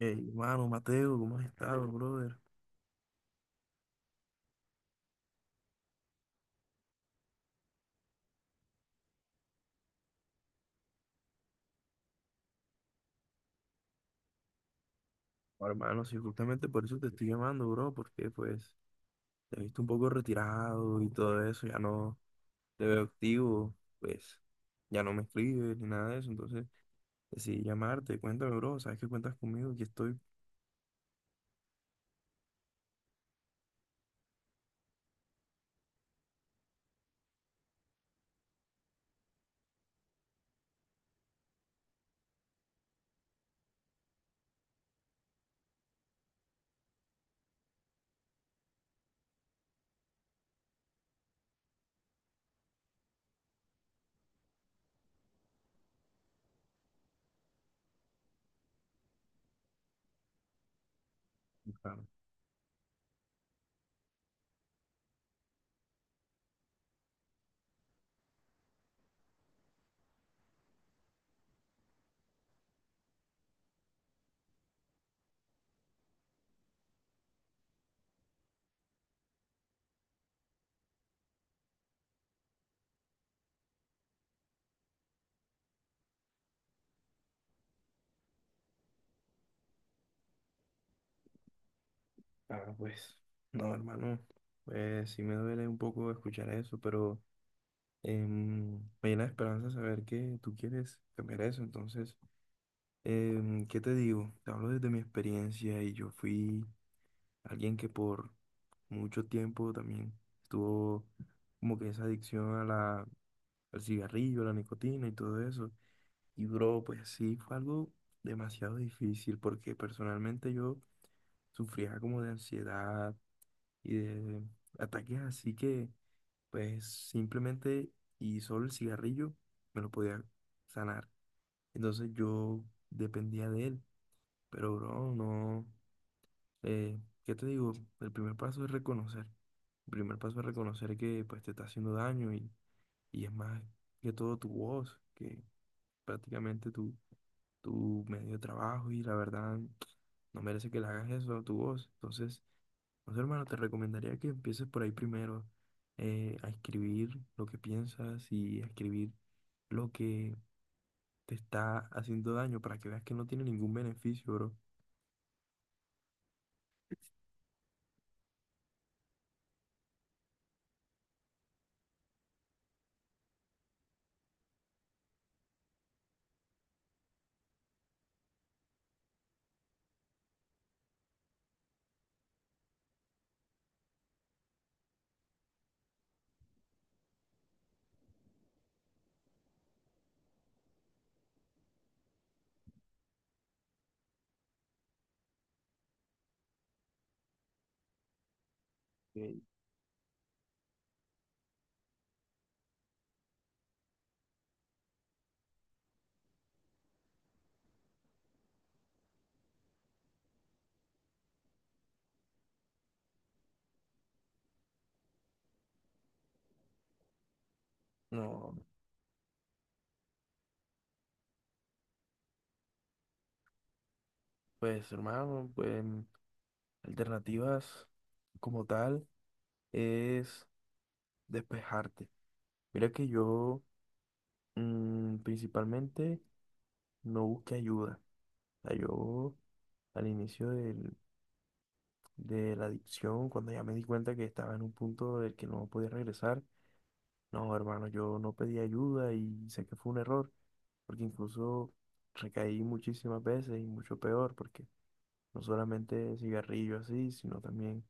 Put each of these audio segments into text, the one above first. Hey, hermano, Mateo, ¿cómo has estado, brother? Oh, hermano, sí, justamente por eso te estoy llamando, bro, porque pues te he visto un poco retirado y todo eso, ya no te veo activo, pues ya no me escribes ni nada de eso, entonces decidí llamarte, cuéntame, bro, sabes que cuentas conmigo, que estoy. Ah, pues, no, hermano, pues sí me duele un poco escuchar eso, pero em, me llena de esperanza saber que tú quieres cambiar eso, entonces. ¿Qué te digo? Te hablo desde mi experiencia y yo fui alguien que por mucho tiempo también estuvo como que esa adicción a al cigarrillo, a la nicotina y todo eso. Y bro, pues sí, fue algo demasiado difícil porque personalmente yo sufría como de ansiedad y de ataques así que pues simplemente y solo el cigarrillo me lo podía sanar. Entonces yo dependía de él, pero bro, no. Eh, ¿Qué te digo? El primer paso es reconocer. El primer paso es reconocer que pues te está haciendo daño y es más que todo tu voz, que prácticamente tu medio de trabajo y la verdad no merece que le hagas eso a tu voz. Entonces, no sé, hermano, te recomendaría que empieces por ahí primero a escribir lo que piensas y a escribir lo que te está haciendo daño para que veas que no tiene ningún beneficio, bro. Ok, no, pues hermano, pues... Alternativas como tal es despejarte. Mira que yo principalmente no busqué ayuda. O sea, yo al de la adicción, cuando ya me di cuenta que estaba en un punto del que no podía regresar, no, hermano, yo no pedí ayuda y sé que fue un error, porque incluso recaí muchísimas veces y mucho peor, porque no solamente cigarrillo así, sino también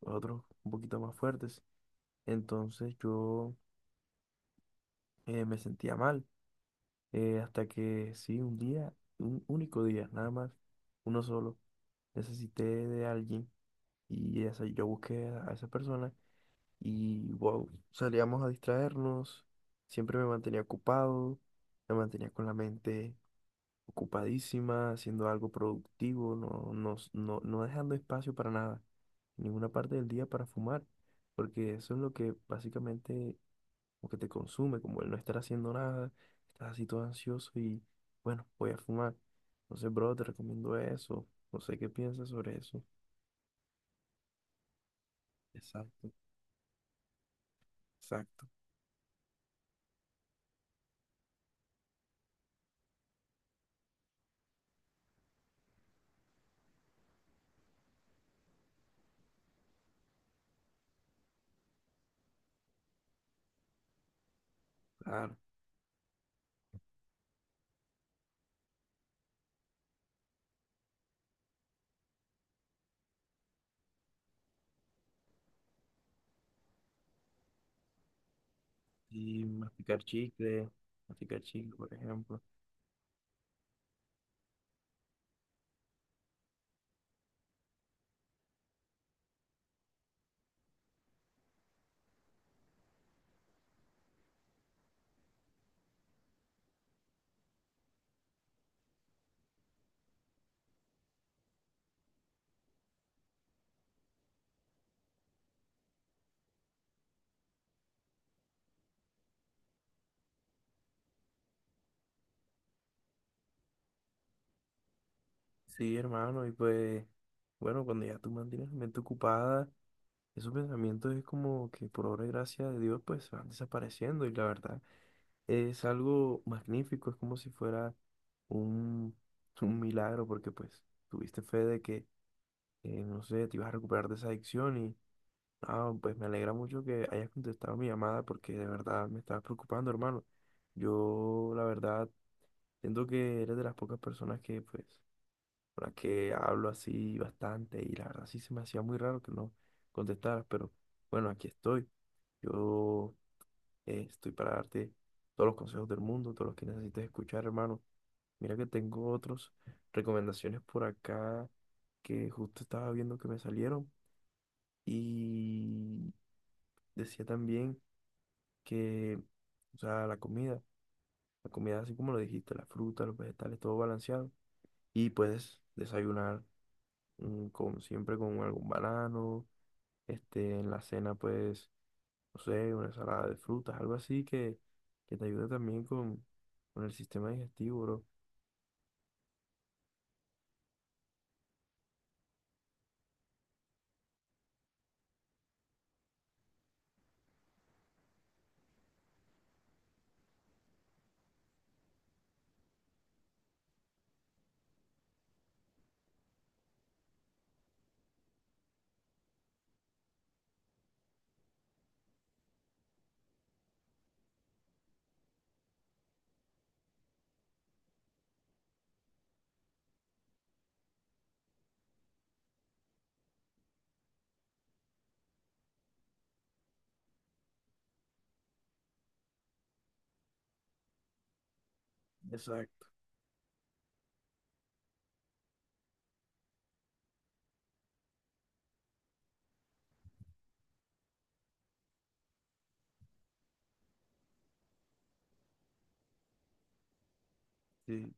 otros un poquito más fuertes. Entonces yo me sentía mal. Eh, hasta que sí, un día, un único día, nada más, uno solo, necesité de alguien y esa, yo busqué a esa persona y wow, salíamos a distraernos. Siempre me mantenía ocupado, me mantenía con la mente ocupadísima, haciendo algo productivo, no dejando espacio para nada, en ninguna parte del día para fumar, porque eso es lo que básicamente como que te consume, como el no estar haciendo nada, estás así todo ansioso y bueno, voy a fumar. Entonces, bro, te recomiendo eso. No sé qué piensas sobre eso. Exacto, exacto. Claro. Y masticar chicle, por ejemplo. Sí, hermano, y pues, bueno, cuando ya tú mantienes la mente ocupada, esos pensamientos es como que por obra y gracia de Dios, pues se van desapareciendo y la verdad. Es algo magnífico, es como si fuera un, un milagro, porque pues tuviste fe de no sé, te ibas a recuperar de esa adicción ah, pues me alegra mucho que hayas contestado mi llamada porque de verdad me estabas preocupando, hermano. Yo, la verdad, siento que eres de las pocas personas que, pues, con las que hablo así bastante y la verdad sí se me hacía muy raro que no contestaras, pero bueno, aquí estoy. Yo Estoy para darte todos los consejos del mundo, todos los que necesites escuchar, hermano. Mira que tengo otros recomendaciones por acá que justo estaba viendo que me salieron. Y decía también que, o sea, la comida así como lo dijiste, la fruta, los vegetales, todo balanceado. Y puedes desayunar siempre con algún banano. Este, en la cena, pues no sé, una ensalada de frutas, algo así que te ayude también con el sistema digestivo, bro. Exacto. Sí,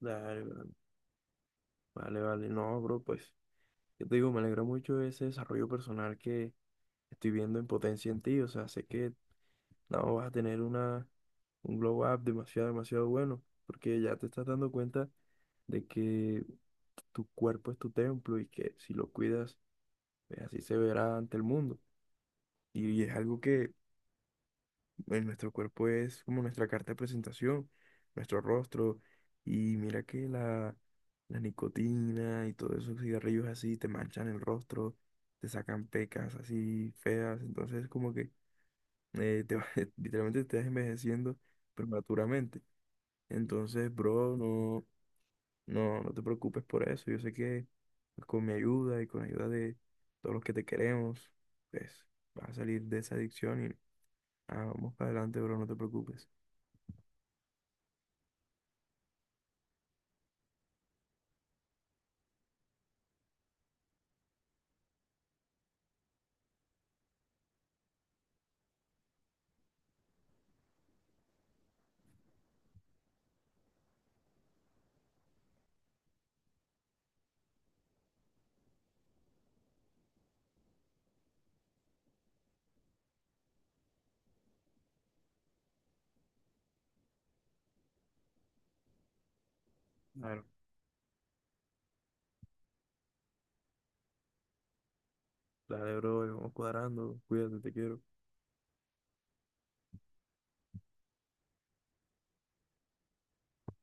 dale, bro. Vale, vale. No, bro, pues, yo te digo, me alegra mucho ese desarrollo personal que estoy viendo en potencia en ti. O sea, sé que no vas a tener un glow up demasiado, demasiado bueno, porque ya te estás dando cuenta de que tu cuerpo es tu templo y que si lo cuidas, pues así se verá ante el mundo. Y es algo que pues, nuestro cuerpo es como nuestra carta de presentación, nuestro rostro, y mira que la nicotina y todos esos cigarrillos así te manchan el rostro, te sacan pecas así feas, entonces como que eh, te, va- literalmente te estás envejeciendo prematuramente. Entonces, bro, no te preocupes por eso, yo sé que pues, con mi ayuda y con la ayuda de todos los que te queremos, pues vas a salir de esa adicción y ah, vamos para adelante, bro, no te preocupes. Dale, bro, vamos cuadrando. Cuídate, te quiero.